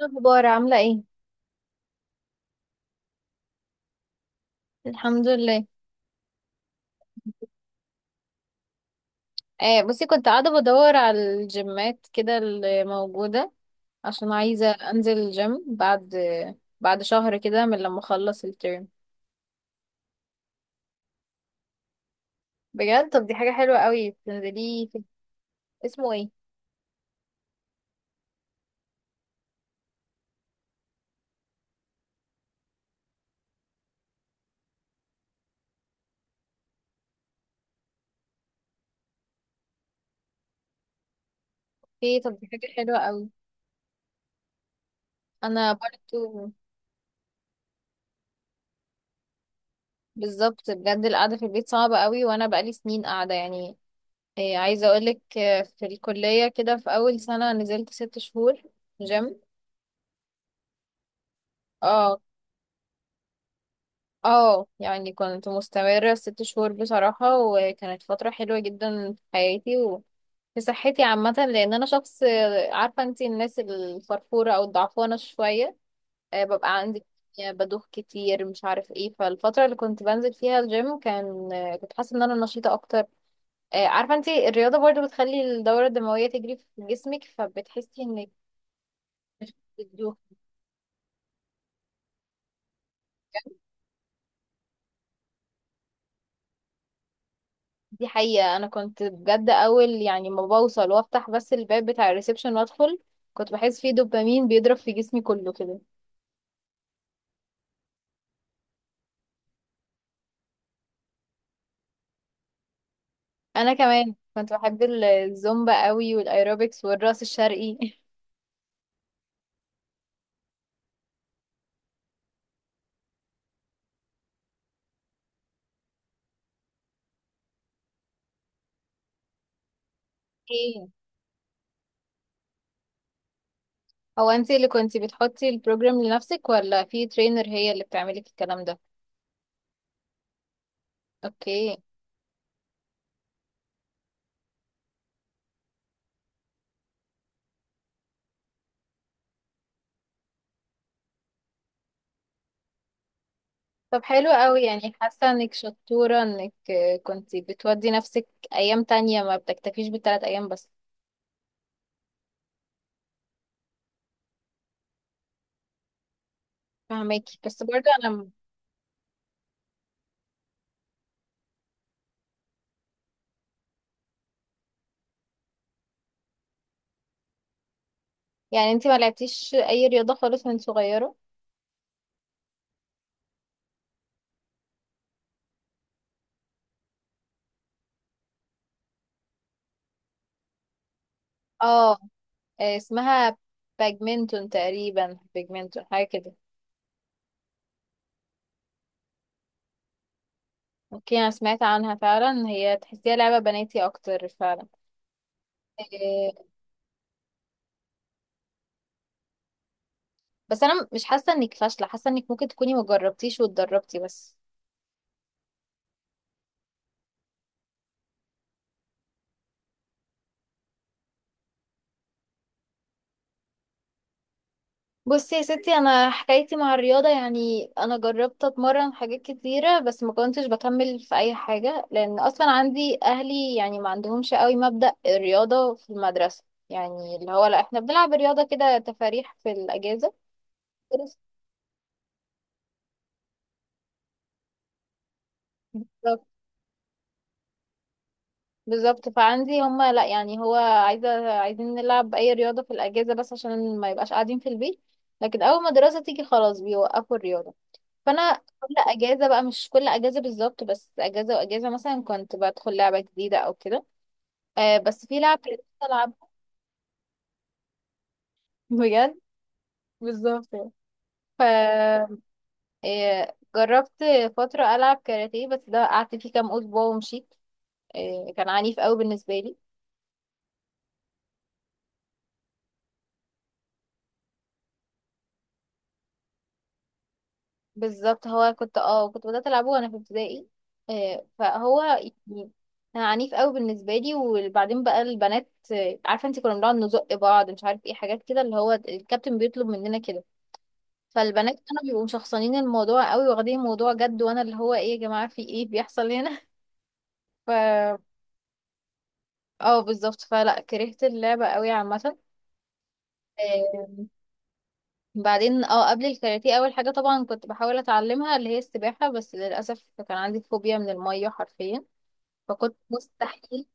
إيه الاخبار؟ عامله ايه؟ الحمد لله. آه، بصي، كنت قاعده بدور على الجيمات كده اللي موجوده، عشان عايزه انزل الجيم بعد شهر كده من لما اخلص الترم. بجد؟ طب دي حاجه حلوه قوي. بتنزليه في... اسمه ايه؟ في... طب دي حاجه حلوه قوي. انا برضو. بالظبط، بجد القعده في البيت صعبه قوي وانا بقالي سنين قاعده يعني. آه، عايزه اقولك، في الكليه كده في اول سنه نزلت 6 شهور جيم. اه. اه، يعني كنت مستمرة 6 شهور بصراحة، وكانت فترة حلوة جدا في حياتي وفي صحتي عامة، لأن أنا شخص... عارفة انتي الناس الفرفورة أو الضعفانة شوية، ببقى عندي بدوخ كتير، مش عارف ايه. فالفترة اللي كنت بنزل فيها الجيم كان، كنت حاسة ان انا نشيطة اكتر. عارفة انتي الرياضة برضو بتخلي الدورة الدموية تجري في جسمك، فبتحسي انك... دي حقيقة. أنا كنت بجد أول يعني ما بوصل وأفتح بس الباب بتاع الريسبشن وأدخل، كنت بحس فيه دوبامين بيضرب في جسمي كله كده. أنا كمان كنت بحب الزومبا قوي والأيروبكس والرأس الشرقي ايه. هو انت اللي كنتي بتحطي البروجرام لنفسك ولا في ترينر هي اللي بتعملك الكلام ده؟ اوكي. طب حلو قوي، يعني حاسة انك شطورة انك، كنتي بتودي نفسك ايام تانية ما بتكتفيش بالتلات ايام بس. فهماكي، بس برضه انا... يعني انتي ما لعبتيش اي رياضة خالص من صغيرة؟ اه. اسمها باجمنتون تقريبا، باجمنتون حاجة كده. اوكي، انا سمعت عنها فعلا، هي تحسيها لعبة بناتي اكتر فعلا. آه، بس انا مش حاسة انك فاشلة، حاسة انك ممكن تكوني مجربتيش واتدربتي بس. بصي يا ستي، انا حكايتي مع الرياضه، يعني انا جربت اتمرن حاجات كتيره بس ما كنتش بكمل في اي حاجه، لان اصلا عندي اهلي يعني ما عندهمش قوي مبدأ الرياضه في المدرسه. يعني اللي هو لا، احنا بنلعب رياضه كده تفاريح في الاجازه. بالظبط. بالظبط. فعندي هما لا، يعني هو عايزه عايزين نلعب اي رياضه في الاجازه بس عشان ما يبقاش قاعدين في البيت، لكن اول ما الدراسه تيجي خلاص بيوقفوا الرياضه. فانا... كل اجازه بقى، مش كل اجازه بالظبط، بس اجازه واجازه مثلا كنت بدخل لعبه جديده او كده. آه بس في لعبه كنت العب. بجد، بالظبط يعني. ف... جربت فتره العب كاراتيه، بس ده قعدت فيه كام اسبوع ومشيت. آه كان عنيف قوي بالنسبه لي. بالظبط. هو كنت بدات العبه وانا في ابتدائي. آه، فهو يعني كان عنيف قوي بالنسبه لي. وبعدين بقى البنات، عارفه انت كنا بنقعد نزق بعض مش عارف ايه حاجات كده اللي هو الكابتن بيطلب مننا كده، فالبنات كانوا بيبقوا مشخصنين الموضوع قوي واخدين الموضوع جد، وانا اللي هو ايه يا جماعه؟ في ايه بيحصل هنا؟ ف... اه، بالظبط. فلا كرهت اللعبه قوي عامه. آه، بعدين قبل الكاراتيه، اول حاجه طبعا كنت بحاول اتعلمها اللي هي السباحه، بس للاسف كان عندي فوبيا من الميه حرفيا، فكنت مستحيل...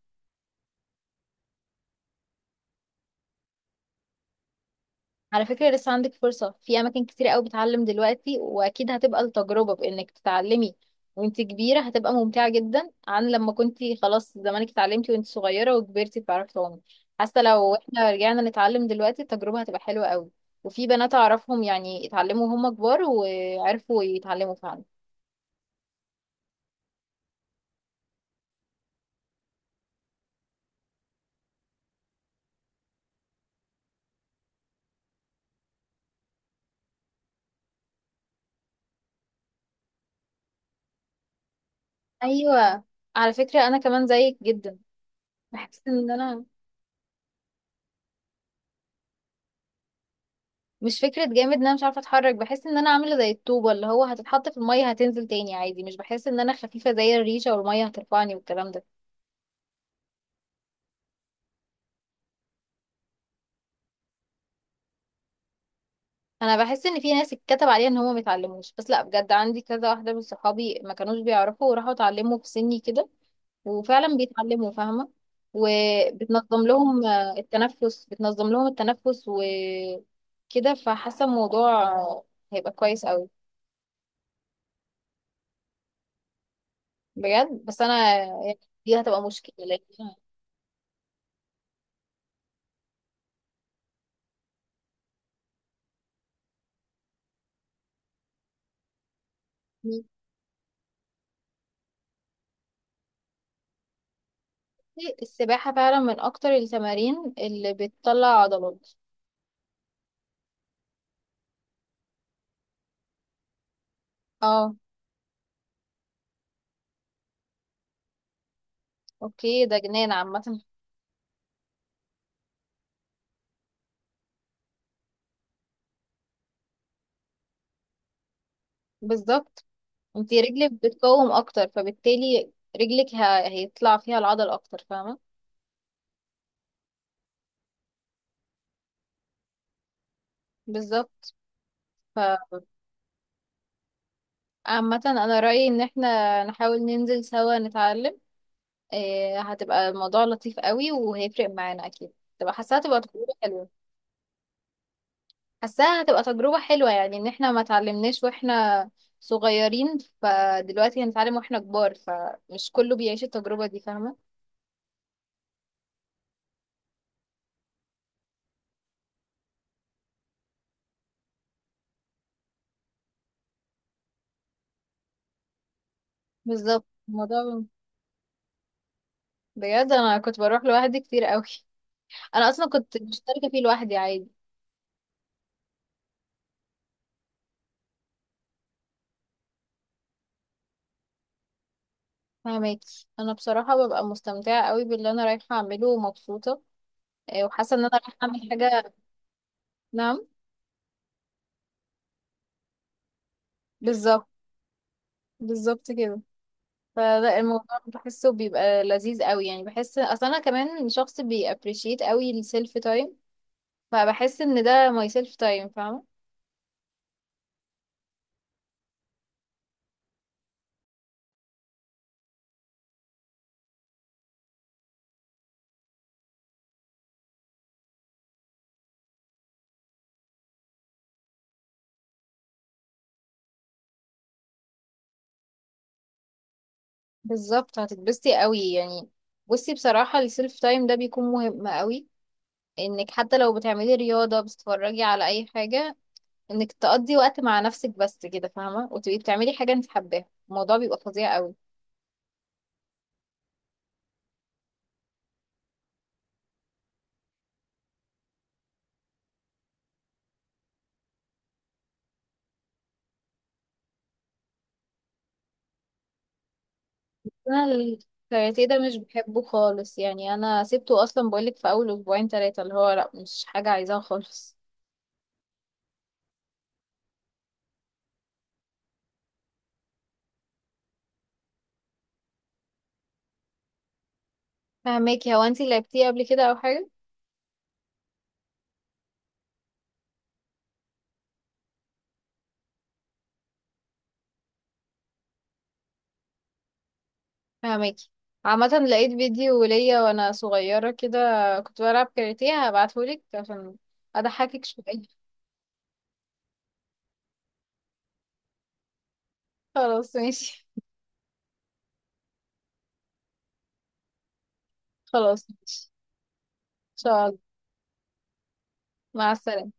على فكرة لسه عندك فرصة، في أماكن كتير قوي بتعلم دلوقتي، وأكيد هتبقى التجربة بإنك تتعلمي وانت كبيرة هتبقى ممتعة جدا، عن لما كنتي خلاص زمانك اتعلمتي وانت صغيرة وكبرتي بتعرفي تعومي. حتى لو احنا رجعنا نتعلم دلوقتي التجربة هتبقى حلوة قوي، وفي بنات أعرفهم يعني اتعلموا وهم كبار وعرفوا يتعلموا فعلا. أيوة. على فكرة أنا كمان زيك جدا. بحس إن أنا... مش فكرة جامد ان انا مش عارفة اتحرك، بحس ان انا عاملة زي الطوبة اللي هو هتتحط في المية هتنزل تاني عادي، مش بحس ان انا خفيفة زي الريشة والمية هترفعني والكلام ده. انا بحس ان في ناس اتكتب عليها ان هم متعلموش، بس لا، بجد عندي كذا واحدة من صحابي ما كانوش بيعرفوا وراحوا اتعلموا في سني كده، وفعلا بيتعلموا فاهمة. وبتنظم لهم، التنفس، بتنظم لهم التنفس وكده، فحاسة الموضوع هيبقى كويس قوي. بجد، بس انا يعني، دي هتبقى مشكلة لأن... السباحة فعلا من أكتر التمارين اللي بتطلع عضلات. اه. اوكي، ده جنان عامة. بالظبط. انتي رجلك بتقوم أكتر فبالتالي رجلك هيطلع فيها العضل أكتر فاهمة. بالظبط. ف... عامة أنا رأيي إن احنا نحاول ننزل سوا نتعلم، إيه هتبقى الموضوع لطيف قوي وهيفرق معانا أكيد، تبقى حاسة هتبقى تجربة حلوة. حاساها هتبقى تجربة حلوة، يعني ان احنا ما اتعلمناش واحنا صغيرين، فدلوقتي هنتعلم واحنا كبار، فمش كله بيعيش التجربة دي فاهمة. بالظبط الموضوع... بجد انا كنت بروح لوحدي كتير قوي. انا اصلا كنت مشتركة فيه لوحدي عادي. فاهمك. انا بصراحة ببقى مستمتعة قوي باللي انا رايحة اعمله ومبسوطة، إيه، وحاسة ان انا رايحة اعمل حاجة. نعم. بالظبط. بالظبط كده. فلا الموضوع بحسه بيبقى لذيذ قوي، يعني بحس اصلا انا كمان شخص بيابريشيت قوي السيلف تايم، فبحس ان ده ماي سيلف تايم فاهمه. بالظبط، هتتبسطي قوي يعني. بصي، بصراحه السيلف تايم ده بيكون مهم قوي، انك حتى لو بتعملي رياضه بتتفرجي على اي حاجه، انك تقضي وقت مع نفسك بس كده فاهمه، وتبقي بتعملي حاجه انت حباها الموضوع بيبقى فظيع قوي. انا الكاراتيه ده مش بحبه خالص، يعني انا سبته اصلا بقولك في اول اسبوعين 3 اللي هو لا مش حاجه عايزاها خالص. فهماكي. هو انت لعبتيه قبل كده او حاجه؟ فهماكي. عامة لقيت فيديو ليا وانا صغيرة كده كنت بلعب كاراتيه، هبعتهولك عشان اضحكك شوية. خلاص ماشي. خلاص ماشي. ان شاء الله. مع السلامة.